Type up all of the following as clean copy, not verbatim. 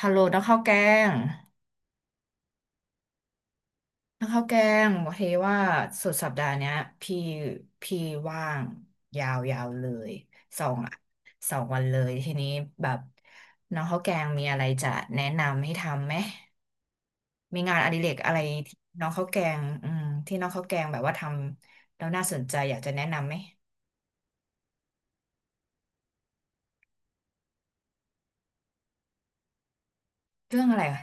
ฮัลโหลนักข้าวแกงนักข้าวแกงโอเคว่าสุดสัปดาห์เนี้ยพี่พี่ว่างยาวยาวเลยสองสองวันเลยทีนี้แบบน้องข้าวแกงมีอะไรจะแนะนำให้ทำไหมมีงานอดิเรกอะไรที่น้องข้าวแกงที่น้องข้าวแกงแบบว่าทำแล้วน่าสนใจอยากจะแนะนำไหมเรื่องอะไรอะ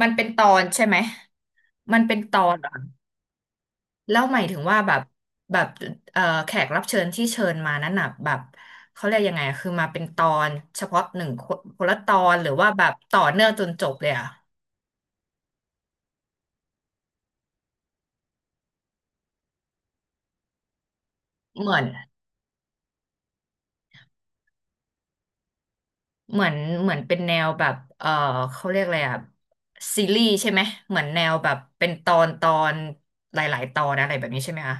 มันเป็นตอนใช่ไหมมันเป็นตอนเหรอ แล้วหมายถึงว่าแบบแขกรับเชิญที่เชิญมานั้นน่ะแบบเขาเรียกยังไงอะคือมาเป็นตอนเฉพาะหนึ่งคนคนละตอนหรือว่าแบบต่อเนื่องจนจบเลยอะเหมือนเหมือนเหมือนเป็นแนวแบบเขาเรียกอะไรอะซีรีส์ใช่ไหมเหมือนแนวแบบเป็นตอนตอนหลายๆตอนอะไรแบบนี้ใช่ไหมคะ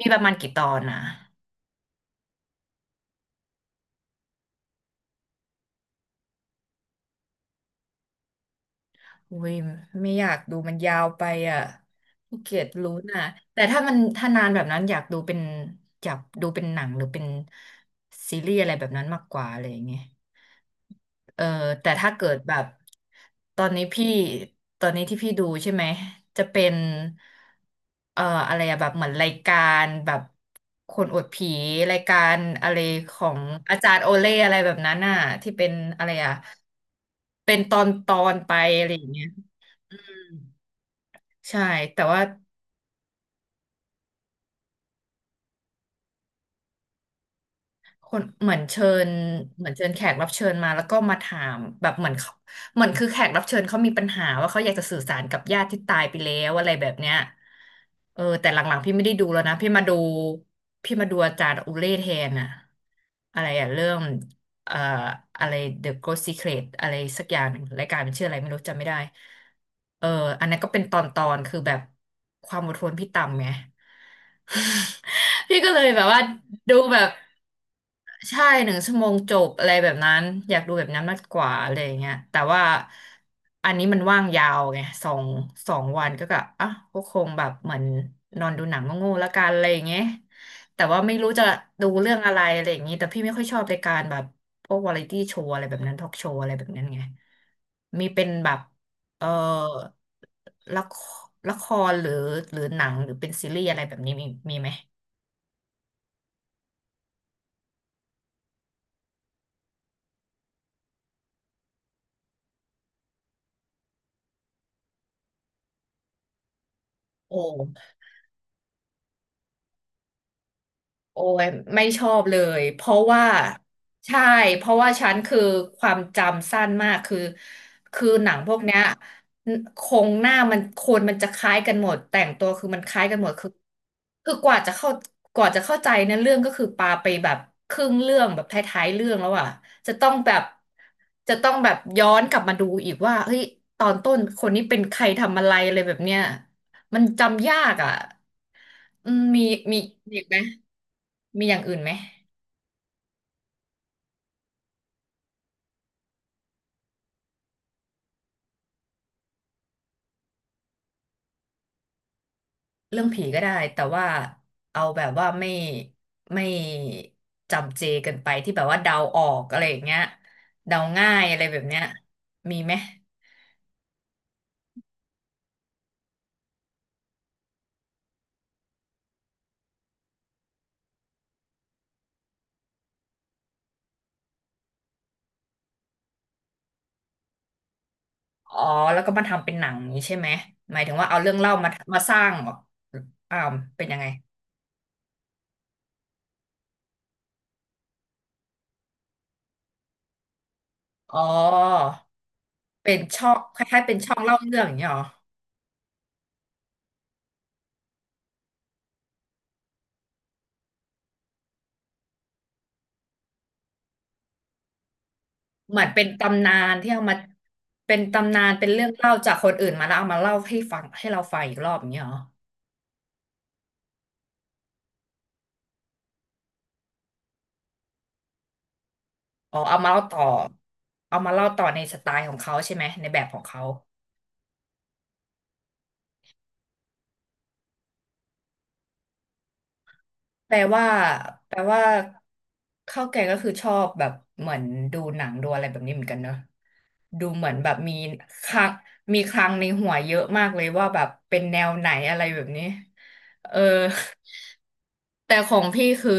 มีประมาณกี่ตอนนะ อุ้ยไม่อยากดูมันยาวไปอ่ะขี้เกียจลุ้นอ่ะแต่ถ้านานแบบนั้นอยากดูเป็นหนังหรือเป็นซีรีส์อะไรแบบนั้นมากกว่าอะไรอย่างเงี้ยเออแต่ถ้าเกิดแบบตอนนี้พี่ตอนนี้ที่พี่ดูใช่ไหมจะเป็นเอ่ออะไรอะแบบเหมือนรายการแบบคนอวดผีรายการอะไรของอาจารย์โอเล่อะไรแบบนั้นน่ะที่เป็นอะไรอะเป็นตอนตอนไปอะไรอย่างเงี้ย ใช่แต่ว่าคนเหมือนเชิญแขกรับเชิญมาแล้วก็มาถามแบบเหมือนเขาเหมือนคือแขกรับเชิญเขามีปัญหาว่าเขาอยากจะสื่อสารกับญาติที่ตายไปแล้วอะไรแบบเนี้ยแต่หลังๆพี่ไม่ได้ดูแล้วนะพี่มาดูอาจารย์อุเล่แทนอะอะไรอะเรื่องเอ่ออะไร The Ghost Secret อะไรสักอย่างหนึ่งรายการมันชื่ออะไรไม่รู้จำไม่ได้เอออันนั้นก็เป็นตอนๆคือแบบความอดทนพี่ต่ำไง พี่ก็เลยแบบว่าดูแบบ ใช่หนึ่งชั่วโมงจบอะไรแบบนั้นอยากดูแบบนั้นมากกว่าอะไรอย่างเงี้ยแต่ว่าอันนี้มันว่างยาวไงสองวันก็กะอ่ะก็คงแบบเหมือนนอนดูหนังโง่ๆละกันอะไรอย่างเงี้ยแต่ว่าไม่รู้จะดูเรื่องอะไรอะไรอย่างงี้แต่พี่ไม่ค่อยชอบรายการแบบพวกวาไรตี้โชว์อะไรแบบนั้นทอล์กโชว์อะไรแบบนั้นไงมีเป็นแบบเออละคละครหรือหนังหรือเป็นซีรีส์อะไรแบบนี้มีไหมโอ้ โอ้ยไม่ชอบเลยเพราะว่าใช่เพราะว่าฉันคือความจำสั้นมากคือหนังพวกเนี้ยโครงหน้ามันคนมันจะคล้ายกันหมดแต่งตัวคือมันคล้ายกันหมดคือกว่าจะเข้าใจเนอเรื่องก็คือปาไปแบบครึ่งเรื่องแบบท้ายๆเรื่องแล้วอ่ะจะต้องแบบจะต้องแบบย้อนกลับมาดูอีกว่าเฮ้ยตอนต้นคนนี้เป็นใครทำอะไรอะไรแบบเนี้ยมันจำยากอ่ะอืมมีมีอีกไหม มีอย่างอื่นไหมเรื่องผีก็ได้แต่ว่าเอาแบบว่าไม่จำเจเกันไปที่แบบว่าเดาออกอะไรอย่างเงี้ยเดาง่ายอะไรแบบเนี้ยมีไหมอ๋อแล้วก็มาทำเป็นหนังนี้ใช่ไหมหมายถึงว่าเอาเรื่องเล่ามามาสร้างเหรออ้าวเป็นยังไงอ๋อเป็นช่องคล้ายๆเป็นช่องเล่าเรื่องอย่างเงี้ยเหรอเหมือนเป็นตำนานที่เอามาเป็นตำนานเป็นเรื่องเล่าจากคนอื่นมาแล้วเอามาเล่าให้ฟังให้เราฟังอีกรอบอย่างเงี้ยเหรอ อ๋อเอามาเล่าต่อ เอามาเล่าต่อในสไตล์ของเขาใช่ไหม ในแบบของเขา แปลว่าแปลว่าข้าวแกงก็คือชอบแบบเหมือนดูหนังดูอะไรแบบนี้เหมือนกันเนอะดูเหมือนแบบคลังมีคลังในหัวเยอะมากเลยว่าแบบเป็นแนวไหนอะไรแบบนี้เออแต่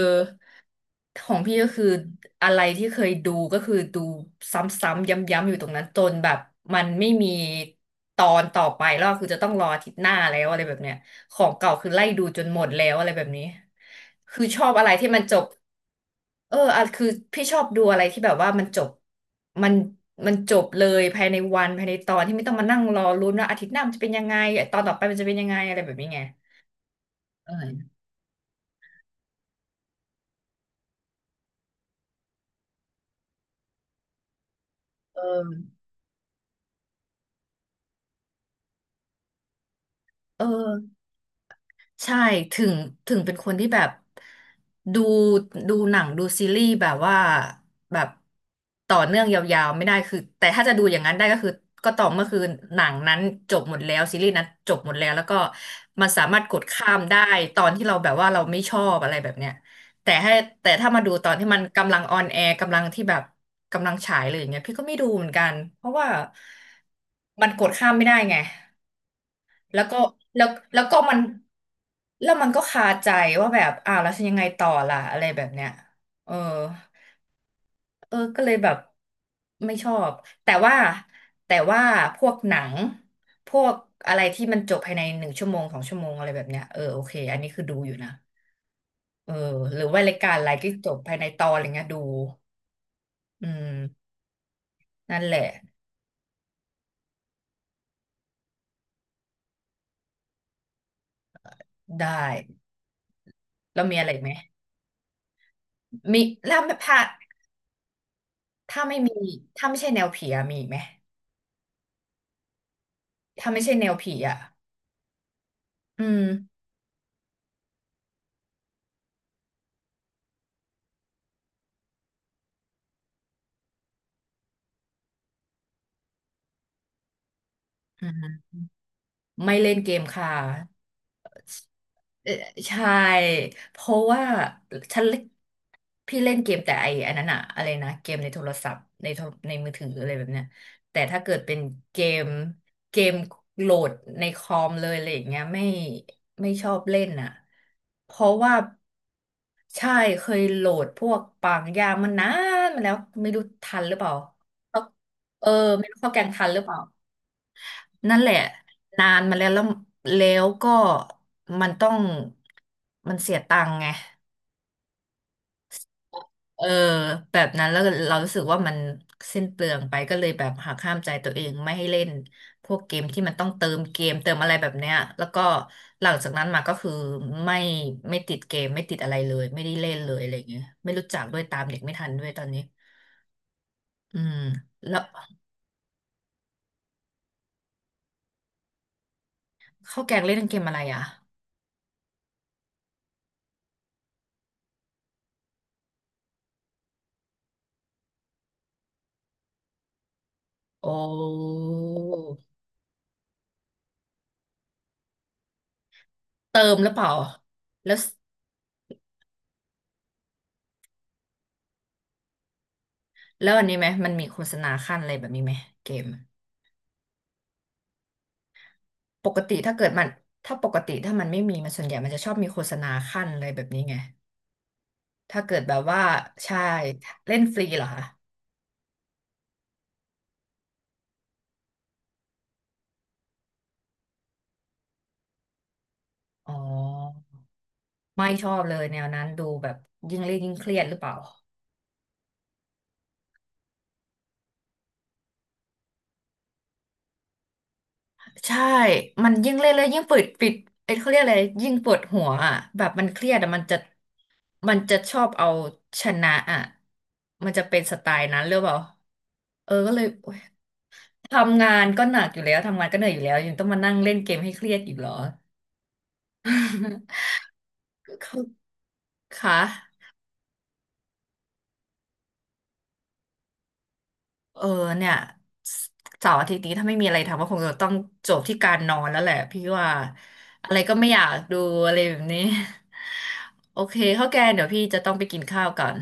ของพี่ก็คืออะไรที่เคยดูก็คือดูซ้ำๆย้ำๆอยู่ตรงนั้นจนแบบมันไม่มีตอนต่อไปแล้วคือจะต้องรออาทิตย์หน้าแล้วอะไรแบบเนี้ย ของเก่าคือไล่ดูจนหมดแล้วอะไรแบบนี้คือชอบอะไรที่มันจบอ่ะคือพี่ชอบดูอะไรที่แบบว่ามันจบมันมันจบเลยภายในวันภายในตอนที่ไม่ต้องมานั่งรอลุ้นว่าอาทิตย์หน้ามันจะเป็นยังไงตอนต่อไปมันจะเป็นยังไงอะไรแบบนี้ไงเออเออเออ ใช่ถึงถึงเป็นคนที่แบบดูดูหนังดูซีรีส์แบบว่าแบบต่อเนื่องยาวๆไม่ได้คือแต่ถ้าจะดูอย่างนั้นได้ก็คือก็ต่อเมื่อคือหนังนั้นจบหมดแล้วซีรีส์นั้นจบหมดแล้วแล้วก็มันสามารถกดข้ามได้ตอนที่เราแบบว่าเราไม่ชอบอะไรแบบเนี้ยแต่ให้แต่ถ้ามาดูตอนที่มันกำลังออนแอร์กำลังที่แบบกำลังฉายเลยอย่างเงี้ยพี่ก็ไม่ดูเหมือนกันเพราะว่ามันกดข้ามไม่ได้ไง แล้วก็แล้วแล้วก็มันแล้วมันก็คาใจว่าแบบอ้าวแล้วฉันยังไงต่อล่ะอะไรแบบเนี้ยเออเออก็เลยแบบไม่ชอบแต่ว่าแต่ว่าพวกหนังพวกอะไรที่มันจบภายในหนึ่งชั่วโมงสองชั่วโมงอะไรแบบเนี้ยเออโอเคอันนี้คือดูอยู่นะเออหรือว่ารายการอะไรที่จบภายในตอนอะไรเงี้ยดูอืมนั่นแหละได้แล้วมีอะไรอีกไหมมีแล้วถ้าถ้าไม่มีถ้าไม่ใช่แนวผีอะมีอีกไหมถ้าไม่ใช่แนวผีอะ อืมอ่าไม่เล่นเกมค่ะเอ่อใช่เพราะว่าฉันเล่นพี่เล่นเกมแต่ไอ้อันนั้นอะอะไรนะเกมในโทรศัพท์ในโทรในมือถืออะไรแบบเนี้ยแต่ถ้าเกิดเป็นเกมเกมโหลดในคอมเลยอะไรอย่างเงี้ยไม่ชอบเล่นอะเพราะว่าใช่เคยโหลดพวกปางยามันนานมาแล้วไม่รู้ทันหรือเปล่าเขาเออไม่รู้เข้าแกงทันหรือเปล่า นั่นแหละนานมาแล้วแล้วแล้วก็มันต้องมันเสียตังค์ไงเออแบบนั้นแล้วเรารู้สึกว่ามันสิ้นเปลืองไปก็เลยแบบหักห้ามใจตัวเองไม่ให้เล่นพวกเกมที่มันต้องเติมเกมเติมอะไรแบบเนี้ยแล้วก็หลังจากนั้นมาก็คือไม่ไม่ติดเกมไม่ติดอะไรเลยไม่ได้เล่นเลยอะไรอย่างเงี้ยไม่รู้จักด้วยตามเด็กไม่ทันด้วยตอนนี้อืมแล้วข้าวแกงเล่นเกมอะไรอ่ะโอ้เติมหรือเปล่าแล้ว แล้วอันนี้ไหมมันมีโฆษณาขั้นอะไรแบบนี้ไหมเกมปกติถ้าเกิดมันปกติถ้ามันไม่มีมันส่วนใหญ่มันจะชอบมีโฆษณาขั้นอะไรแบบนี้ไงถ้าเกิดแบบว่าใช่เล่นฟรีเหรอคะอ๋อไม่ชอบเลยแนวนั้นดูแบบยิ่งเล่นยิ่งเครียดหรือเปล่าใช่มันยิ่งเล่นเลยยิ่งปิดปิดไอ้ยเขาเรียกอะไรยิ่งปวดหัวอ่ะแบบมันเครียดอ่ะมันจะมันจะชอบเอาชนะอ่ะมันจะเป็นสไตล์นั้นหรือเปล่าเออก็เลย ทำงานก็หนักอยู่แล้วทำงานก็เหนื่อยอยู่แล้วยังต้องมานั่งเล่นเกมให้เครียดอีกเหรอ เขาค่ะเออเนี่ยเสาร์อาทิตย์นี้ถ้าไม่มีอะไรทำก็คงจะต้องจบที่การนอนแล้วแหละพี่ว่าอะไรก็ไม่อยากดูอะไรแบบนี้ โอเคข้าวแกงเดี๋ยวพี่จะต้องไปกินข้าวก่อน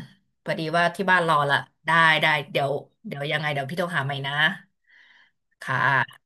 พอดีว่าที่บ้านรอละได้ได้เดี๋ยวเดี๋ยวยังไงเดี๋ยวพี่โทรหาใหม่นะค่ะ